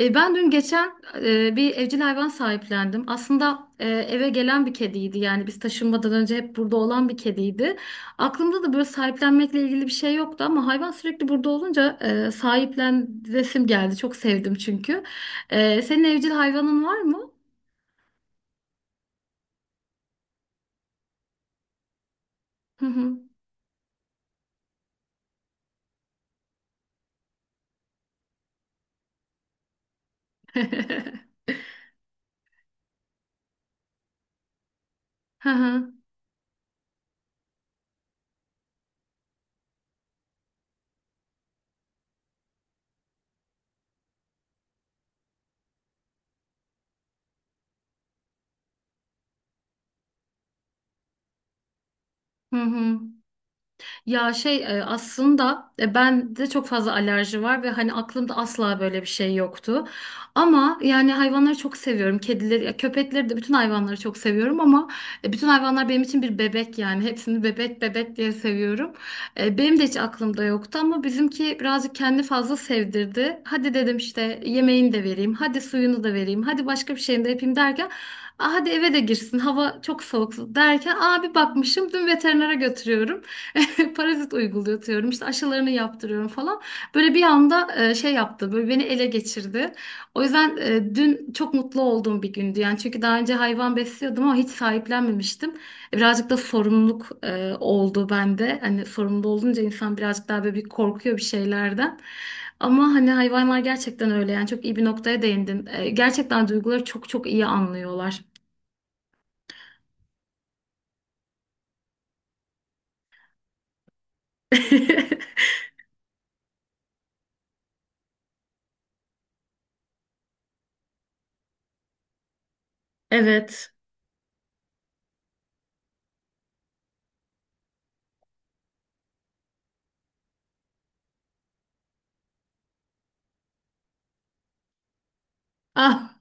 Ben dün geçen bir evcil hayvan sahiplendim. Aslında eve gelen bir kediydi. Yani biz taşınmadan önce hep burada olan bir kediydi. Aklımda da böyle sahiplenmekle ilgili bir şey yoktu ama hayvan sürekli burada olunca sahiplen resim geldi. Çok sevdim çünkü. Senin evcil hayvanın var mı? Hı hı. Hı hı. Hı hı. Ya şey aslında ben de çok fazla alerji var ve hani aklımda asla böyle bir şey yoktu. Ama yani hayvanları çok seviyorum. Kedileri, ya köpekleri de, bütün hayvanları çok seviyorum ama bütün hayvanlar benim için bir bebek yani. Hepsini bebek bebek diye seviyorum. Benim de hiç aklımda yoktu ama bizimki birazcık kendi fazla sevdirdi. Hadi dedim, işte yemeğini de vereyim, hadi suyunu da vereyim, hadi başka bir şeyini de yapayım derken, Aa, hadi eve de girsin, hava çok soğuk derken, abi bakmışım dün veterinere götürüyorum. Parazit uygulatıyorum, işte aşılarını yaptırıyorum falan. Böyle bir anda şey yaptı, böyle beni ele geçirdi. O yüzden dün çok mutlu olduğum bir gündü yani, çünkü daha önce hayvan besliyordum ama hiç sahiplenmemiştim. Birazcık da sorumluluk oldu bende. Hani sorumlu olunca insan birazcık daha böyle bir korkuyor bir şeylerden. Ama hani hayvanlar gerçekten öyle yani, çok iyi bir noktaya değindin. Gerçekten duyguları çok çok iyi anlıyorlar. Evet. Ah.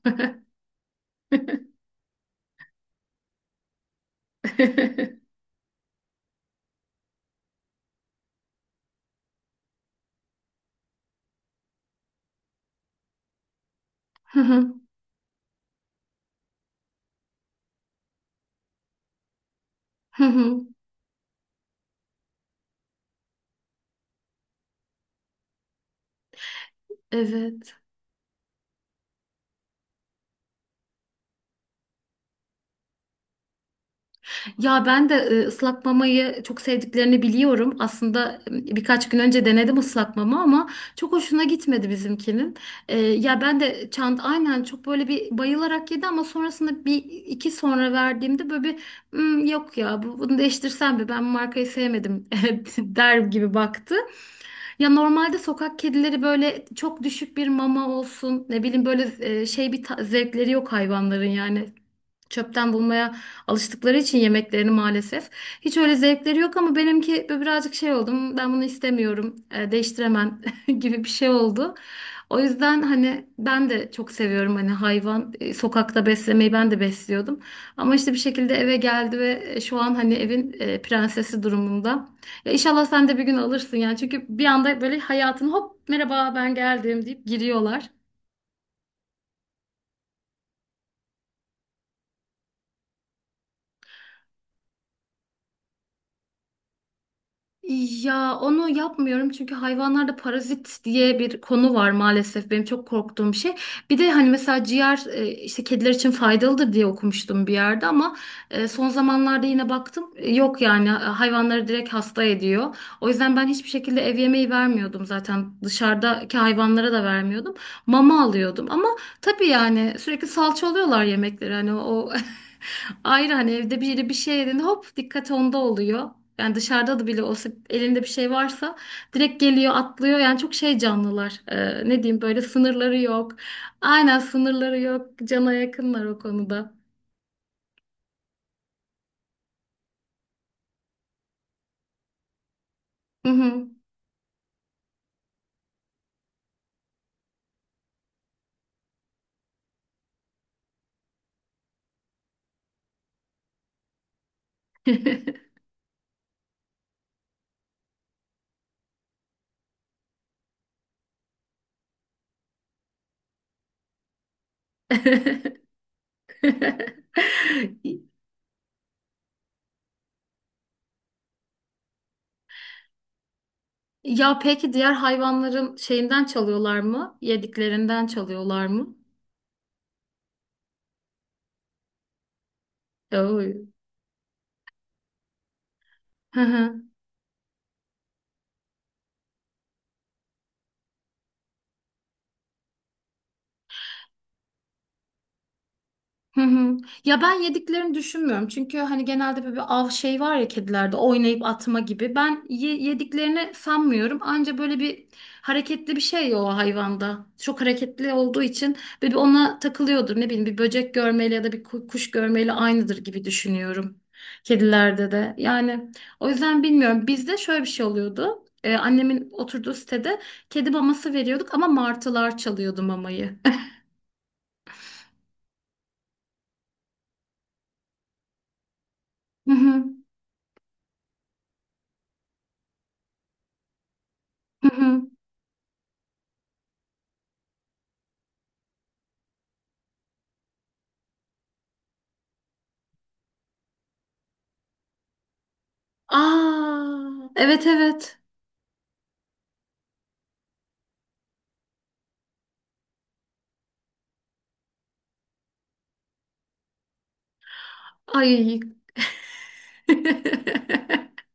Hı hı, hı hı. Evet. Ya ben de ıslak mamayı çok sevdiklerini biliyorum. Aslında birkaç gün önce denedim ıslak mama ama çok hoşuna gitmedi bizimkinin. Ya ben de aynen çok böyle bir bayılarak yedi ama sonrasında bir iki sonra verdiğimde böyle bir, Hmm, yok ya, bunu değiştirsem mi, ben bu markayı sevmedim, der gibi baktı. Ya normalde sokak kedileri böyle çok düşük bir mama olsun, ne bileyim, böyle şey bir zevkleri yok hayvanların yani. Çöpten bulmaya alıştıkları için yemeklerini maalesef. Hiç öyle zevkleri yok ama benimki böyle birazcık şey oldum. Ben bunu istemiyorum, değiştiremem gibi bir şey oldu. O yüzden hani ben de çok seviyorum, hani hayvan sokakta beslemeyi, ben de besliyordum. Ama işte bir şekilde eve geldi ve şu an hani evin prensesi durumunda. Ya inşallah sen de bir gün alırsın yani, çünkü bir anda böyle hayatın hop, merhaba ben geldim deyip giriyorlar. Ya onu yapmıyorum çünkü hayvanlarda parazit diye bir konu var, maalesef benim çok korktuğum bir şey. Bir de hani mesela ciğer işte kediler için faydalıdır diye okumuştum bir yerde ama son zamanlarda yine baktım, yok yani, hayvanları direkt hasta ediyor. O yüzden ben hiçbir şekilde ev yemeği vermiyordum, zaten dışarıdaki hayvanlara da vermiyordum. Mama alıyordum ama tabii yani sürekli salça oluyorlar yemekleri, hani o ayrı, hani evde biri bir şey yediğinde hop, dikkat onda oluyor. Yani dışarıda da bile olsa elinde bir şey varsa direkt geliyor, atlıyor. Yani çok şey canlılar. Ne diyeyim, böyle sınırları yok. Aynen, sınırları yok. Cana yakınlar o konuda. Hı hı. Ya peki diğer hayvanların şeyinden çalıyorlar mı? Yediklerinden çalıyorlar mı? Oy. Hı hı. Ya ben yediklerini düşünmüyorum. Çünkü hani genelde böyle bir av şey var ya kedilerde, oynayıp atma gibi. Ben yediklerini sanmıyorum. Anca böyle bir hareketli bir şey ya o hayvanda. Çok hareketli olduğu için böyle bir ona takılıyordur. Ne bileyim, bir böcek görmeyle ya da bir kuş görmeyle aynıdır gibi düşünüyorum. Kedilerde de. Yani o yüzden bilmiyorum. Bizde şöyle bir şey oluyordu. Annemin oturduğu sitede kedi maması veriyorduk ama martılar çalıyordu mamayı. Hı hı. Hı hı. Aa, evet evet. Ay.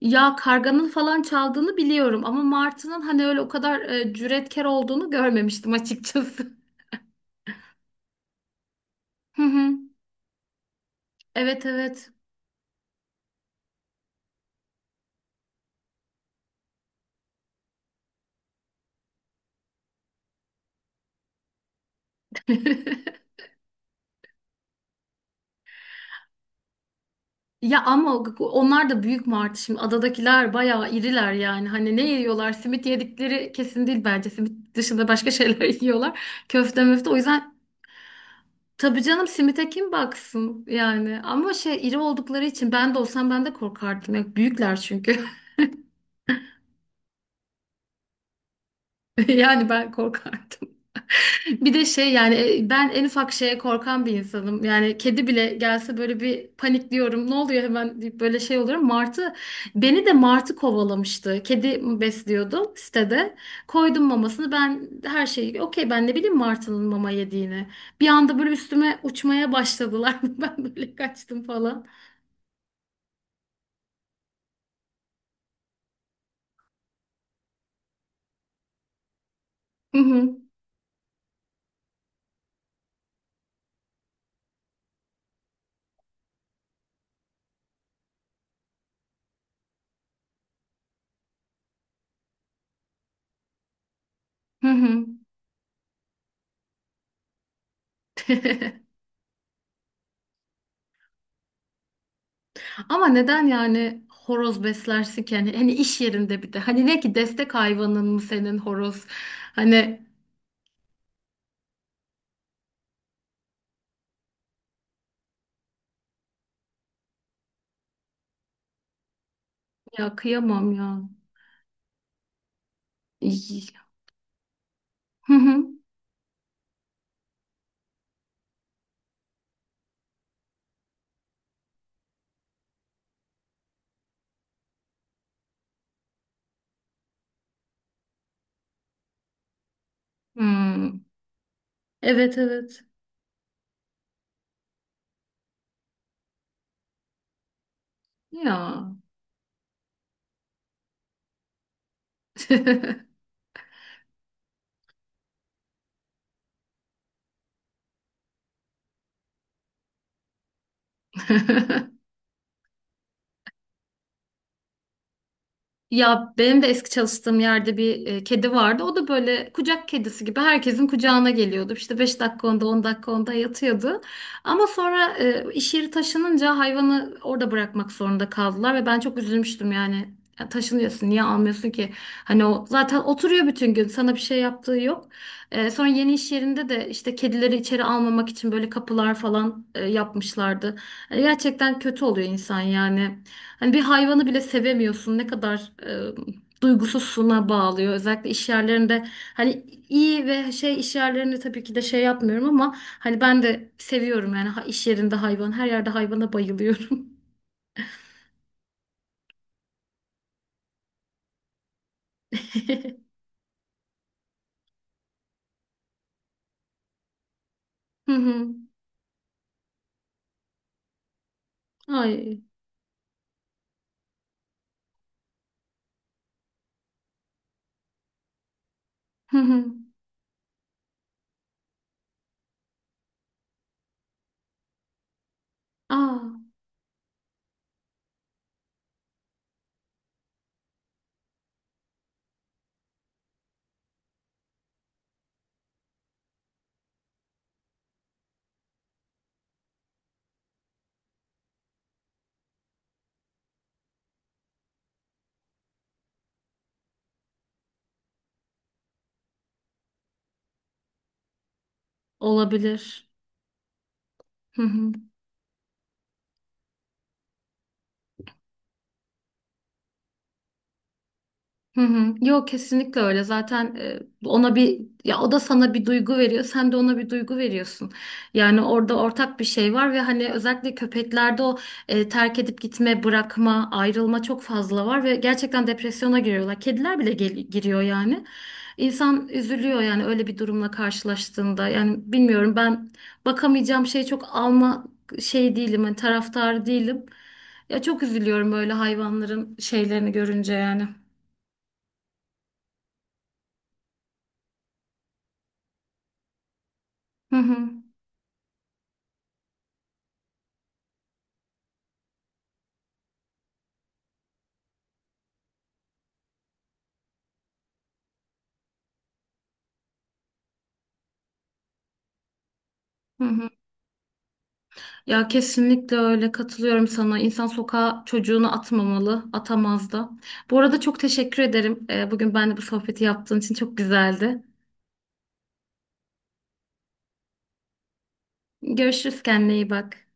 Ya karganın falan çaldığını biliyorum ama martının hani öyle o kadar cüretkar olduğunu görmemiştim açıkçası. Hı hı. Evet evet. Ya ama onlar da büyük martı, şimdi adadakiler bayağı iriler yani, hani ne yiyorlar, simit yedikleri kesin değil bence, simit dışında başka şeyler yiyorlar, köfte möfte, o yüzden. Tabii canım, simite kim baksın yani, ama şey iri oldukları için ben de olsam ben de korkardım. Ya, büyükler çünkü. Yani ben korkardım. Bir de şey yani ben en ufak şeye korkan bir insanım. Yani kedi bile gelse böyle bir panikliyorum, ne oluyor hemen deyip böyle şey oluyorum. Martı beni de, martı kovalamıştı. Kedi besliyordum sitede, koydum mamasını, ben her şeyi okey, ben ne bileyim martının mama yediğini. Bir anda böyle üstüme uçmaya başladılar, ben böyle kaçtım falan. Hı hı. Ama neden yani horoz beslersin ki? Yani, hani iş yerinde bir de. Hani ne ki, destek hayvanın mı senin horoz? Hani, ya kıyamam ya. İy. Hı hı. Hmm. Evet evet. Ya. Ya benim de eski çalıştığım yerde bir kedi vardı. O da böyle kucak kedisi gibi herkesin kucağına geliyordu. İşte 5 dakika onda, 10 dakika onda yatıyordu. Ama sonra iş yeri taşınınca hayvanı orada bırakmak zorunda kaldılar ve ben çok üzülmüştüm yani. Ya taşınıyorsun, niye almıyorsun ki? Hani o zaten oturuyor bütün gün, sana bir şey yaptığı yok. Sonra yeni iş yerinde de işte kedileri içeri almamak için böyle kapılar falan yapmışlardı. Hani gerçekten kötü oluyor insan yani. Hani bir hayvanı bile sevemiyorsun. Ne kadar duygusuzluğuna bağlıyor. Özellikle iş yerlerinde, hani iyi ve şey iş yerlerinde tabii ki de şey yapmıyorum, ama hani ben de seviyorum yani, iş yerinde hayvan. Her yerde hayvana bayılıyorum. Hı hı. Ay. Hı hı. Aa, olabilir. Hı hı. Hı hı. Yok, kesinlikle öyle. Zaten ona bir, ya o da sana bir duygu veriyor, sen de ona bir duygu veriyorsun. Yani orada ortak bir şey var ve hani özellikle köpeklerde o terk edip gitme, bırakma, ayrılma çok fazla var ve gerçekten depresyona giriyorlar. Kediler bile giriyor yani. İnsan üzülüyor yani öyle bir durumla karşılaştığında. Yani bilmiyorum, ben bakamayacağım, şey çok alma şey değilim, hani taraftar değilim. Ya çok üzülüyorum böyle hayvanların şeylerini görünce yani. Hı hı. Hı hı. Ya kesinlikle öyle, katılıyorum sana. İnsan sokağa çocuğunu atmamalı, atamaz da. Bu arada çok teşekkür ederim. Bugün ben de bu sohbeti yaptığın için çok güzeldi. Görüşürüz, kendine iyi bak.